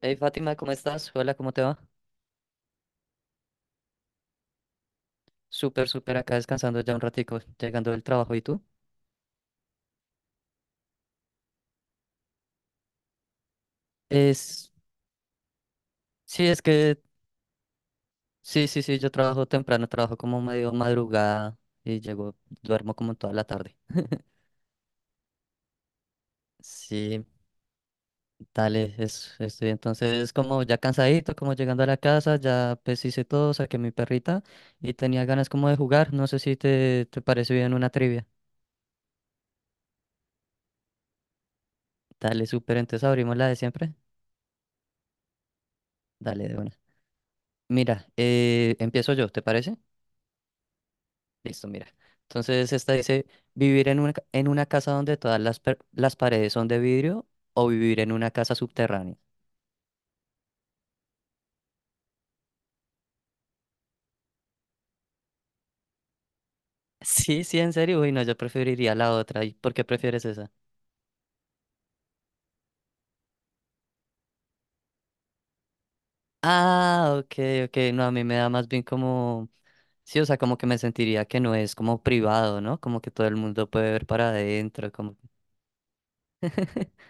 Hey Fátima, ¿cómo estás? Hola, ¿cómo te va? Súper, súper acá descansando ya un ratico, llegando del trabajo. ¿Y tú? Es, sí, es que, sí, sí, sí, yo trabajo temprano, trabajo como medio madrugada y llego, duermo como toda la tarde. Sí, dale, estoy entonces como ya cansadito, como llegando a la casa, ya pues hice todo, saqué mi perrita y tenía ganas como de jugar. No sé si te parece bien una trivia. Dale, súper, entonces abrimos la de siempre. Dale, de una. Mira, empiezo yo, ¿te parece? Listo, mira. Entonces esta dice, ¿vivir en en una casa donde todas las paredes son de vidrio o vivir en una casa subterránea? Sí, sí, en serio. Uy, no, yo preferiría la otra. ¿Y por qué prefieres esa? Ah, ok, ok. No, a mí me da más bien como... Sí, o sea, como que me sentiría que no es como privado, ¿no? Como que todo el mundo puede ver para adentro, como...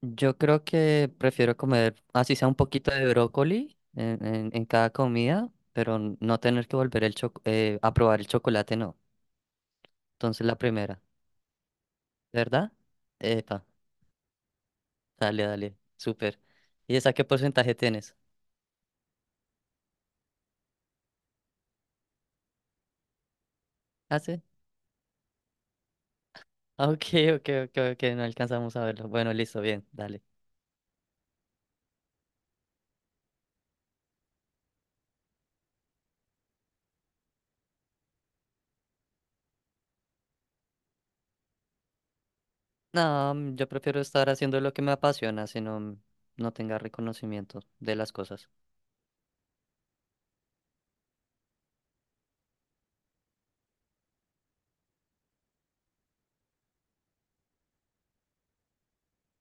Yo creo que prefiero comer, así sea un poquito de brócoli en cada comida, pero no tener que volver a probar el chocolate, no. Entonces la primera, ¿verdad? Epa, dale, dale, súper. ¿Y esa qué porcentaje tienes? ¿Ah, sí? Ah, ok, ok, ok, ok, no alcanzamos a verlo. Bueno, listo, bien, dale. No, yo prefiero estar haciendo lo que me apasiona, si no, no tenga reconocimiento de las cosas.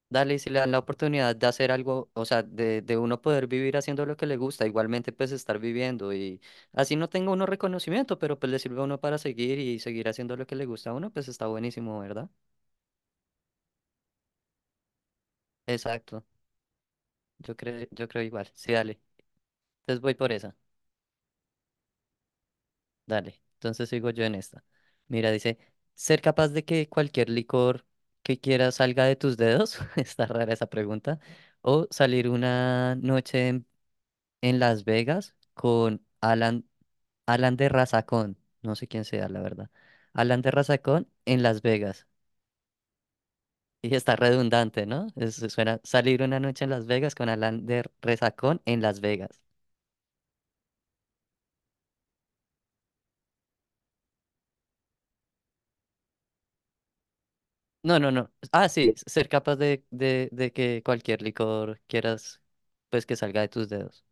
Dale, y si le dan la oportunidad de hacer algo, o sea, de uno poder vivir haciendo lo que le gusta, igualmente pues estar viviendo y así no tenga uno reconocimiento, pero pues le sirve a uno para seguir y seguir haciendo lo que le gusta a uno, pues está buenísimo, ¿verdad? Exacto, yo creo igual, sí, dale, entonces voy por esa, dale, entonces sigo yo en esta. Mira, dice, ser capaz de que cualquier licor que quieras salga de tus dedos, está rara esa pregunta, o salir una noche en Las Vegas con Alan. Alan de Razacón, no sé quién sea, la verdad. Alan de Razacón en Las Vegas. Y está redundante, ¿no? Es- suena salir una noche en Las Vegas con Alan de Razacón en Las Vegas. No, no, no. Ah, sí, ser capaz de que cualquier licor quieras, pues que salga de tus dedos.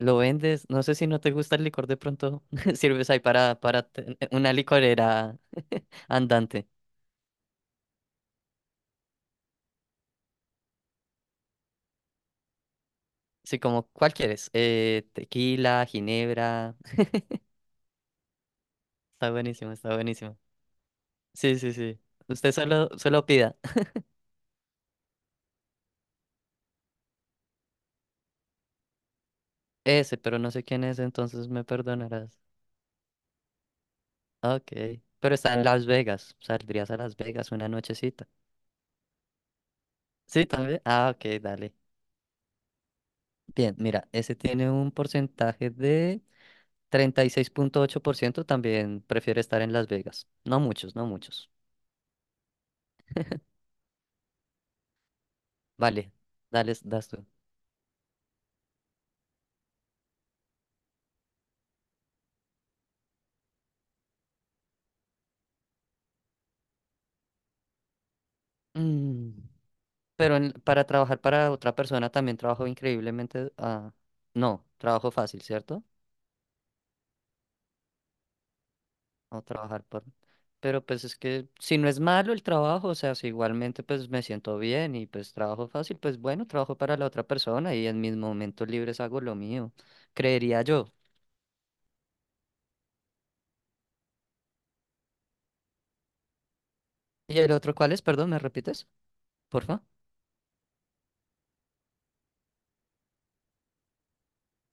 Lo vendes, no sé si no te gusta el licor de pronto, sirves ahí para una licorera andante. Sí, como, ¿cuál quieres? Tequila, ginebra. Está buenísimo, está buenísimo. Sí, sí, sí. Usted solo pida ese, pero no sé quién es, entonces me perdonarás. Ah, ok. Pero está en Las Vegas. Saldrías a Las Vegas una nochecita. Sí, también. Ah, ok, dale. Bien, mira, ese tiene un porcentaje de 36,8%. También prefiere estar en Las Vegas. No muchos, no muchos. Vale, dale, das tú. Mm, Pero para trabajar para otra persona también trabajo increíblemente. No, trabajo fácil, ¿cierto? O trabajar por... Pero pues es que si no es malo el trabajo, o sea, si igualmente pues me siento bien y pues trabajo fácil, pues bueno, trabajo para la otra persona y en mis momentos libres hago lo mío, creería yo. ¿Y el otro cuál es? Perdón, ¿me repites? Porfa.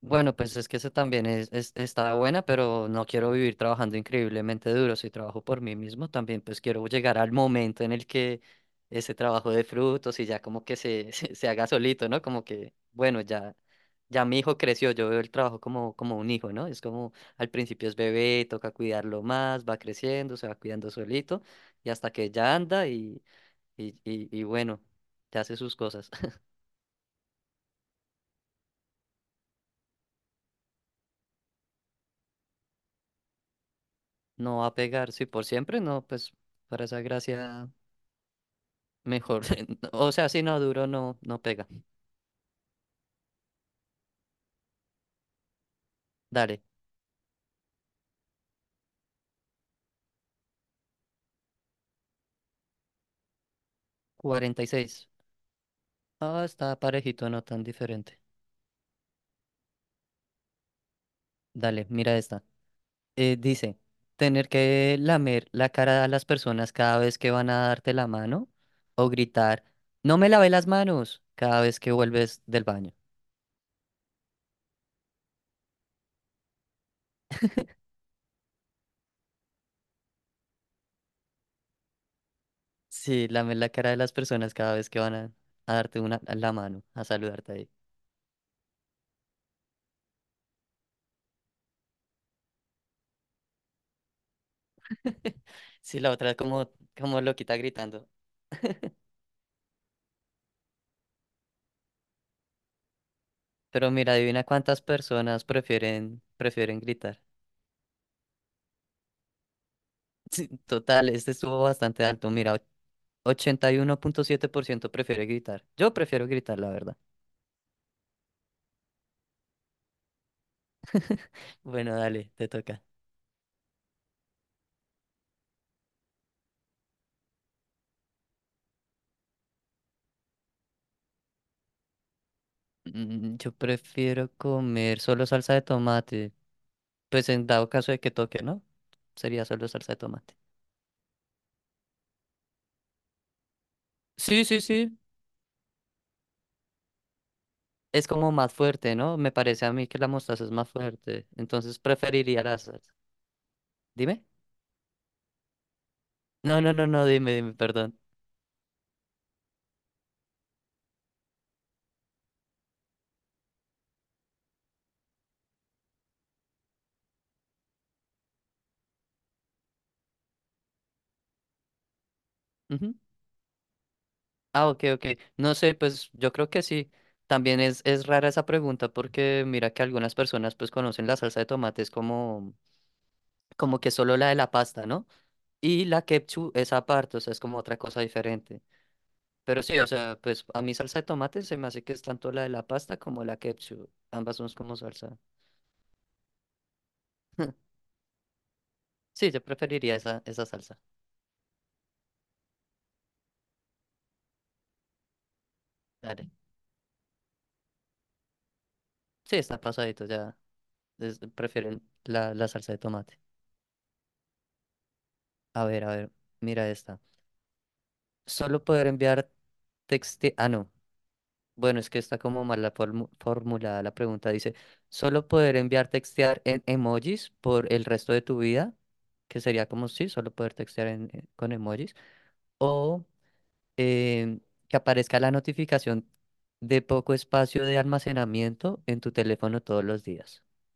Bueno, pues es que eso también es- está buena, pero no quiero vivir trabajando increíblemente duro. Si trabajo por mí mismo, también pues quiero llegar al momento en el que ese trabajo dé frutos y ya como que se, se haga solito, ¿no? Como que, bueno, ya, ya mi hijo creció, yo veo el trabajo como, como un hijo, ¿no? Es como al principio es bebé, toca cuidarlo más, va creciendo, se va cuidando solito y hasta que ya anda y bueno, ya hace sus cosas. No va a pegar, si por siempre, no, pues para esa gracia. Mejor. O sea, si no duro, no, no pega. Dale. 46. Ah, está parejito, no tan diferente. Dale, mira esta. Dice, tener que lamer la cara a las personas cada vez que van a darte la mano o gritar, no me lavé las manos cada vez que vuelves del baño. Sí, lamer la cara de las personas cada vez que van a darte una, la mano, a saludarte ahí. Sí, la otra es como, como loquita gritando. Pero mira, adivina cuántas personas prefieren gritar. Sí, total, este estuvo bastante alto. Mira, 81,7% prefiere gritar. Yo prefiero gritar, la verdad. Bueno, dale, te toca. Yo prefiero comer solo salsa de tomate. Pues en dado caso de que toque, ¿no? Sería solo salsa de tomate. Sí, sí, sí. Es como más fuerte, ¿no? Me parece a mí que la mostaza es más fuerte. Entonces preferiría la salsa. Dime. No, no, no, no, dime, dime, perdón. Ah, ok, ok. No sé, pues yo creo que sí. También es rara esa pregunta porque mira que algunas personas pues conocen la salsa de tomate es como, como que solo la de la pasta, ¿no? Y la ketchup es aparte, o sea, es como otra cosa diferente. Pero sí, o sea, pues a mí salsa de tomate se me hace que es tanto la de la pasta como la ketchup. Ambas son como salsa. Sí, yo preferiría esa, esa salsa. Dale. Sí, está pasadito, ya. Es- prefieren la, la salsa de tomate. A ver, mira esta. Solo poder enviar texte... Ah, no. Bueno, es que está como mal la formulada la pregunta. Dice, ¿solo poder enviar textear en emojis por el resto de tu vida? Que sería como sí, solo poder textear con emojis. O eh, que aparezca la notificación de poco espacio de almacenamiento en tu teléfono todos los días.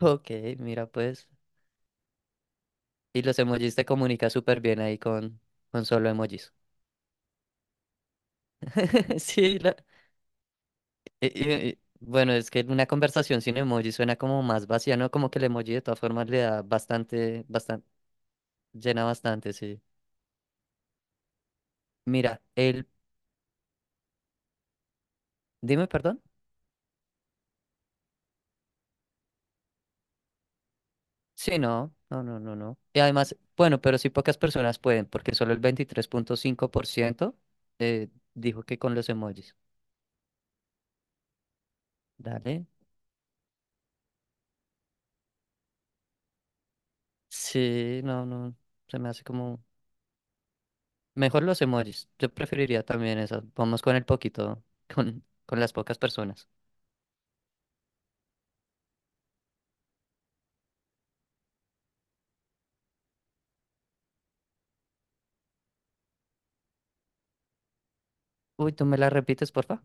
Ok, mira pues. Y los emojis te comunica súper bien ahí con solo emojis. Sí, bueno, es que una conversación sin emoji suena como más vacía, ¿no? Como que el emoji de todas formas le da bastante, bastante, llena bastante, sí. Mira, el, dime, perdón. Sí, no, no, no, no, no. Y además, bueno, pero sí pocas personas pueden, porque solo el 23.5% dijo que con los emojis. Dale. Sí, no, no, se me hace como... Mejor los emojis. Yo preferiría también eso. Vamos con el poquito, con las pocas personas. Uy, ¿tú me la repites, porfa?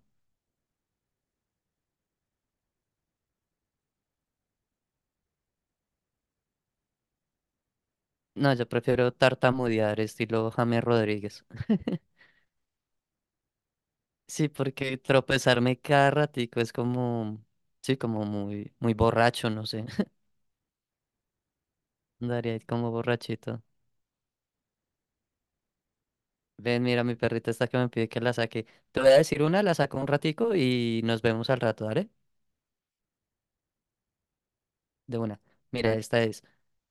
No, yo prefiero tartamudear estilo James Rodríguez. Sí, porque tropezarme cada ratico es como, sí, como muy, muy borracho, no sé. Andaría ahí como borrachito. Ven, mira, mi perrita está que me pide que la saque. Te voy a decir una, la saco un ratico y nos vemos al rato, ¿vale? De una. Mira, esta es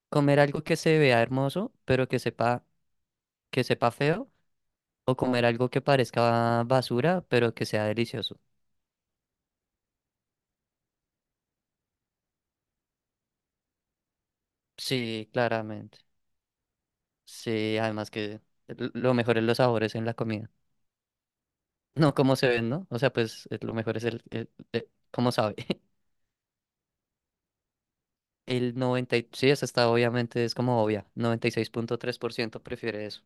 comer algo que se vea hermoso, pero que sepa feo, o comer algo que parezca basura, pero que sea delicioso. Sí, claramente. Sí, además que lo mejor es los sabores en la comida. No cómo se ven, ¿no? O sea, pues lo mejor es cómo sabe. Sí, esa está obviamente, es como obvia. 96,3% prefiere eso.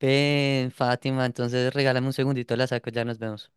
Ven, Fátima, entonces regálame un segundito, la saco, ya nos vemos.